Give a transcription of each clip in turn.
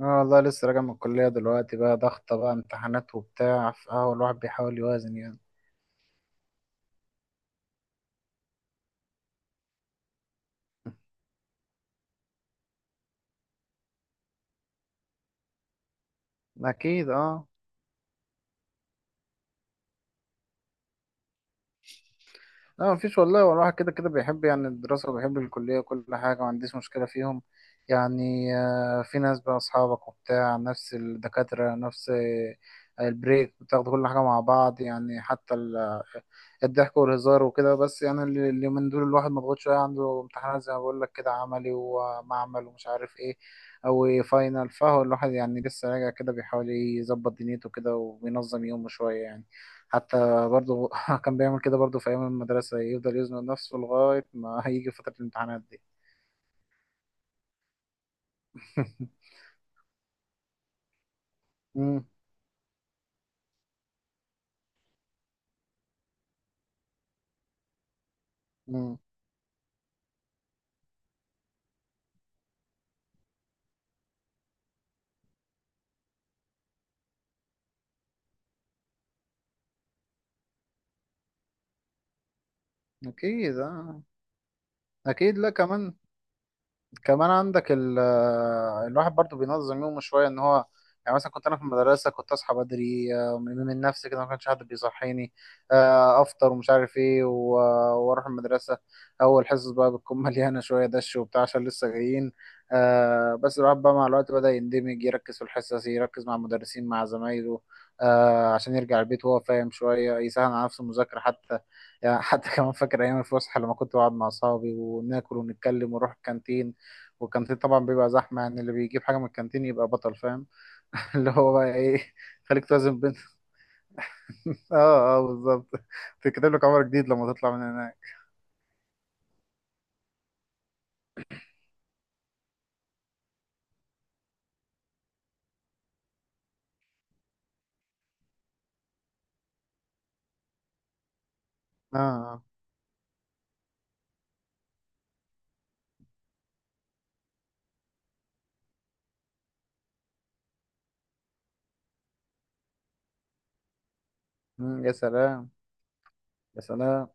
اه والله لسه راجع من الكلية دلوقتي بقى، ضغطة بقى امتحانات وبتاع، فاه الواحد بيحاول يوازن يعني. أكيد اه. لا مفيش والله، هو الواحد كده كده بيحب يعني الدراسة، وبيحب الكلية وكل حاجة، ما عنديش مشكلة فيهم. يعني في ناس بقى أصحابك وبتاع، نفس الدكاترة، نفس البريك بتاخدوا كل حاجة مع بعض، يعني حتى الضحك والهزار وكده. بس يعني اللي من دول، الواحد مضغوط شوية، عنده امتحانات زي ما بقول لك، كده عملي ومعمل ومش عارف ايه أو فاينل. فهو الواحد يعني لسه راجع كده، بيحاول يظبط دنيته كده وبينظم يومه شوية يعني. حتى برضه كان بيعمل كده برضه في أيام المدرسة، يفضل يزنق نفسه لغاية ما هيجي فترة الامتحانات دي. مم. مم. أكيد آه. أكيد. لا، كمان عندك ال آه، الواحد برضو بينظم يومه شوية ان هو. يعني مثلا كنت انا في المدرسة، كنت اصحى بدري من نفسي كده، ما كانش حد بيصحيني. افطر ومش عارف ايه واروح المدرسة. اول حصص بقى بتكون مليانة شوية دش وبتاع، عشان لسه جايين. بس الواحد بقى مع الوقت بدأ يندمج، يركز في الحصص، يركز مع المدرسين، مع زمايله. عشان يرجع البيت وهو فاهم شوية، يسهل على نفسه المذاكرة حتى. يعني حتى كمان فاكر أيام الفسحة، لما كنت بقعد مع أصحابي وناكل ونتكلم ونروح الكانتين. والكانتين طبعا بيبقى زحمة، يعني اللي بيجيب حاجة من الكانتين يبقى بطل فاهم. اللي هو بقى ايه؟ خليك توازن بين. اه، اه، بالظبط. تكتب لك عمر جديد لما تطلع من هناك. اه، آه. مم، يا سلام. يا سلام.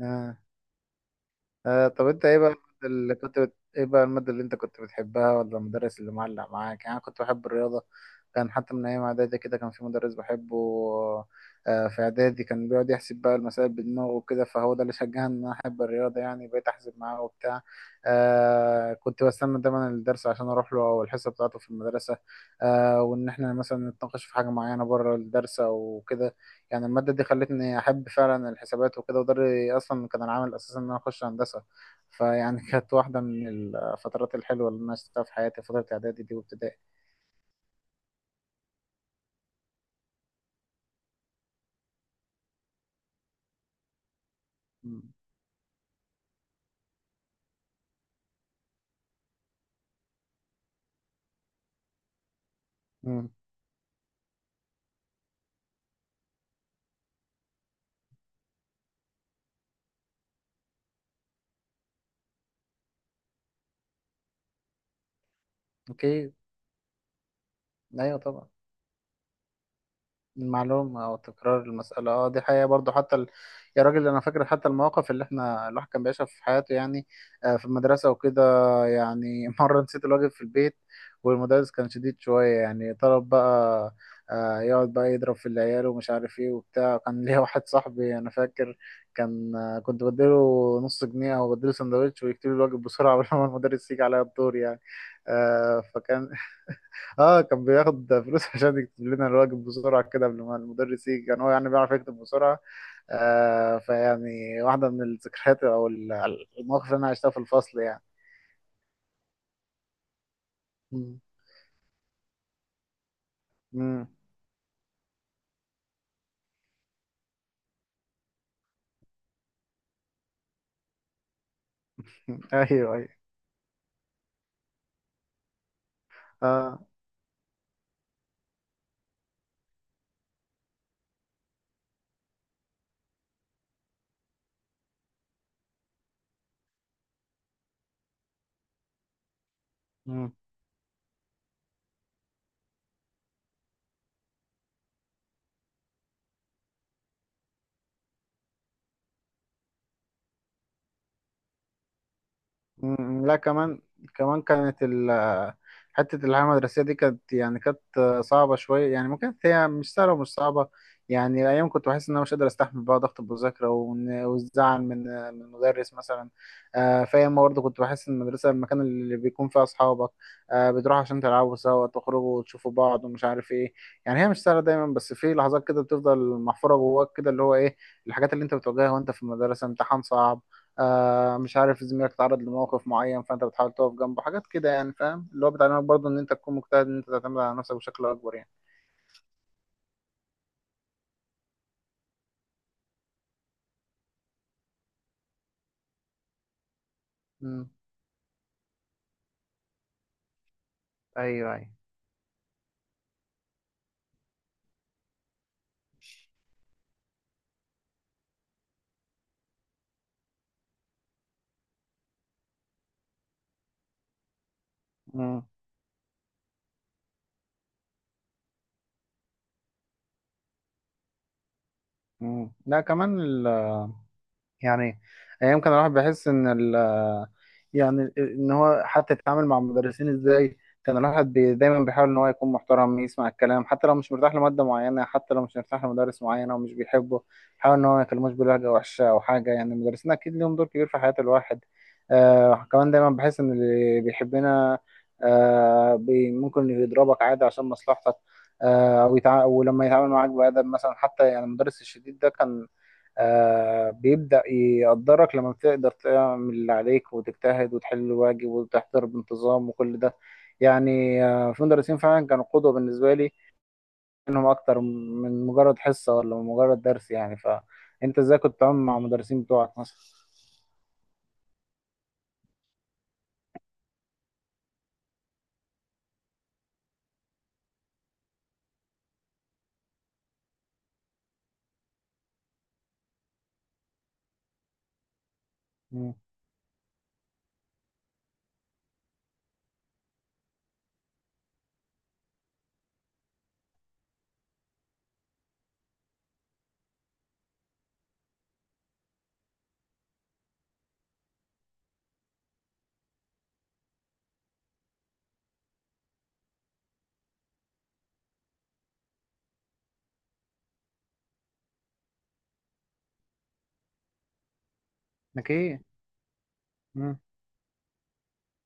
آه. آه، طب انت ايه بقى المادة اللي كنت ايه بقى المادة اللي انت كنت بتحبها ولا المدرس اللي معلق معاك؟ يعني انا كنت بحب الرياضة. كان حتى من ايام اعدادي كده كان في مدرس بحبه. في اعدادي كان بيقعد يحسب بقى المسائل بدماغه وكده، فهو ده اللي شجعني ان انا احب الرياضة، يعني بقيت احسب معاه وبتاع. كنت بستنى دايما الدرس عشان اروح له، او الحصة بتاعته في المدرسة. وان احنا مثلا نتناقش في حاجة معينة بره الدرس او كده. يعني المادة دي خلتني أحب فعلا الحسابات وكده، وده أصلا كان العامل الأساسي إن أنا أخش هندسة. فيعني كانت واحدة من الفترات الحلوة اللي أنا شفتها في حياتي، فترة إعدادي دي وابتدائي. مم. مم. أوكي. أيوة طبعا. المعلومة أو تكرار المسألة، دي حقيقة برضو، حتى يا راجل، أنا فاكر حتى المواقف اللي إحنا الواحد كان بيعيشها في حياته يعني. في المدرسة وكده. يعني مرة نسيت الواجب في البيت. والمدرس كان شديد شوية، يعني طلب بقى. يقعد بقى يضرب في العيال ومش عارف إيه وبتاع. كان ليا واحد صاحبي أنا فاكر. كان كنت بديله نص جنيه أو بديله سندوتش، ويكتب لي الواجب بسرعة قبل ما المدرس يجي عليا الدور يعني. فكان. اه، كان بياخد فلوس عشان يكتب لنا الواجب بسرعة كده، قبل ما المدرس يجي، كان هو يعني بيعرف يكتب بسرعة. فيعني واحدة من الذكريات أو المواقف اللي أنا عشتها في الفصل يعني. مم. مم. أيوه، أيوه. اه. مم، لا كمان. كمان كانت حتة الحياة المدرسية دي، يعني كانت صعبة شوية، يعني ممكن هي مش سهلة ومش صعبة. يعني أيام كنت بحس إن أنا مش قادر أستحمل بقى ضغط المذاكرة، والزعل من المدرس مثلا. في أيام برضه كنت بحس إن المدرسة المكان اللي بيكون فيه أصحابك. بتروحوا عشان تلعبوا سوا، تخرجوا وتشوفوا بعض ومش عارف إيه. يعني هي مش سهلة دايما، بس في لحظات كده بتفضل محفورة جواك، كده اللي هو إيه. الحاجات اللي أنت بتواجهها وأنت في المدرسة، امتحان صعب. مش عارف، زميلك اتعرض لموقف معين، فانت بتحاول تقف جنبه. حاجات كده يعني فاهم، اللي هو بتعلمك برضه ان انت تكون مجتهد، ان انت تعتمد على نفسك بشكل اكبر يعني. امم. ايوه، ايوه. امم. امم. لا كمان. يعني ايام كان الواحد بيحس ان ال يعني ان هو حتى يتعامل مع المدرسين ازاي. كان الواحد دايما بيحاول ان هو يكون محترم، يسمع الكلام، حتى لو مش مرتاح لماده معينه، حتى لو مش مرتاح لمدرس معين او مش بيحبه. يحاول ان هو ما يكلموش بلهجه وحشه او حاجه، يعني المدرسين اكيد ليهم دور كبير في حياه الواحد. كمان دايما بحس ان اللي بيحبنا. آه بي ممكن يضربك عادي عشان مصلحتك. ولما يتعامل معاك بأدب مثلا، حتى يعني المدرس الشديد ده كان. بيبدأ يقدرك لما بتقدر تعمل اللي عليك، وتجتهد، وتحل الواجب، وتحضر بانتظام، وكل ده. يعني في مدرسين فعلا كانوا قدوة بالنسبة لي. انهم اكتر من مجرد حصة ولا مجرد درس، يعني فانت ازاي كنت بتتعامل مع المدرسين بتوعك مثلا؟ مم. اكيد. مم.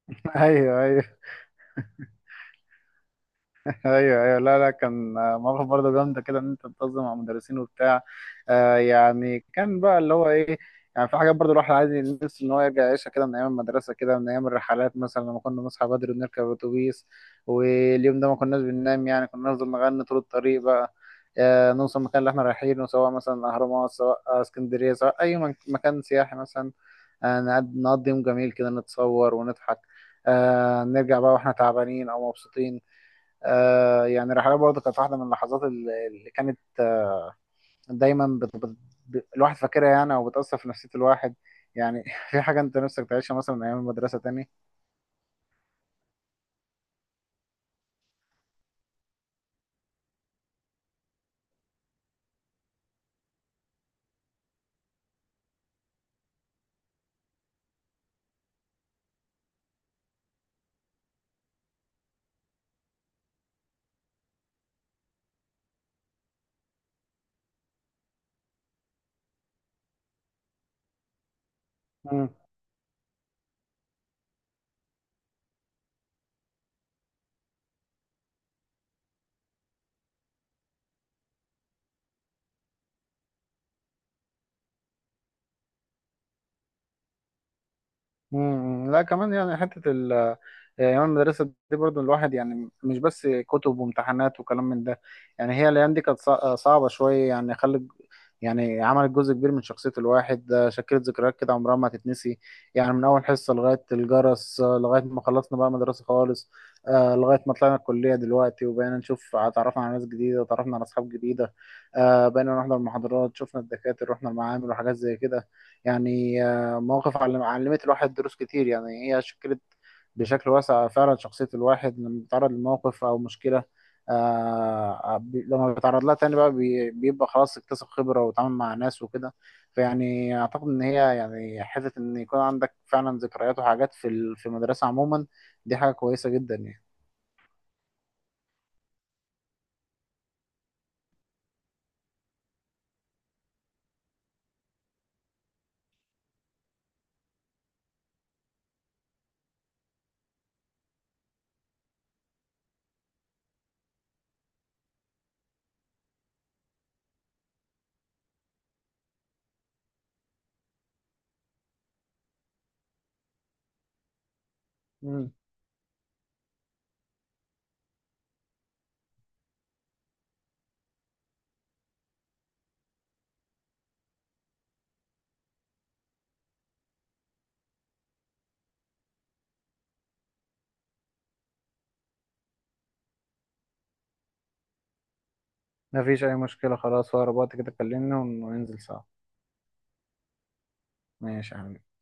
ايوه، ايوه. ايوه، ايوه. لا، لا، كان مواقف برضه جامده كده ان انت تنتظم مع مدرسين وبتاع. يعني كان بقى اللي هو ايه؟ يعني في حاجات برضه الواحد عادي نفسه ان هو يرجع يعيشها كده من ايام المدرسه، كده من ايام الرحلات، مثلا لما كنا نصحى بدري ونركب اتوبيس. واليوم ده ما كناش بننام، يعني كنا نفضل نغني طول الطريق بقى. نوصل المكان اللي احنا رايحينه، سواء مثلا الاهرامات، سواء اسكندريه، سواء اي مكان سياحي مثلا. نقضي يوم جميل كده، نتصور ونضحك. نرجع بقى واحنا تعبانين او مبسوطين. يعني الرحلات برضه كانت واحده من اللحظات اللي كانت دايما الواحد فاكرها يعني، او بتاثر في نفسيه الواحد. يعني في حاجه انت نفسك تعيشها مثلا من ايام المدرسه تاني. مم. لا كمان، يعني حتة يعني أيام المدرسة دي برضو، الواحد يعني مش بس كتب وامتحانات وكلام من ده. يعني هي الأيام دي كانت صعبة شوية، يعني خلت. يعني عملت جزء كبير من شخصية الواحد، شكلت ذكريات كده عمرها ما هتتنسي. يعني من أول حصة لغاية الجرس، لغاية ما خلصنا بقى مدرسة خالص. لغاية ما طلعنا الكلية دلوقتي، وبقينا نشوف، اتعرفنا على ناس جديدة، اتعرفنا على أصحاب جديدة. بقينا نحضر محاضرات، شفنا الدكاترة، رحنا المعامل وحاجات زي كده. يعني مواقف علمت الواحد دروس كتير، يعني هي شكلت. بشكل واسع فعلا شخصية الواحد، لما بيتعرض لموقف أو مشكلة. لما بيتعرض لها تاني بقى بيبقى خلاص، اكتسب خبرة وتعامل مع ناس وكده. فيعني أعتقد إن هي يعني، حتة إن يكون عندك فعلا ذكريات وحاجات في في المدرسة عموما. دي حاجة كويسة جدا يعني. مم. مفيش أي مشكلة. خلاص، في أقرب وقت كده كلمني وننزل سوا. ماشي يا حبيبي.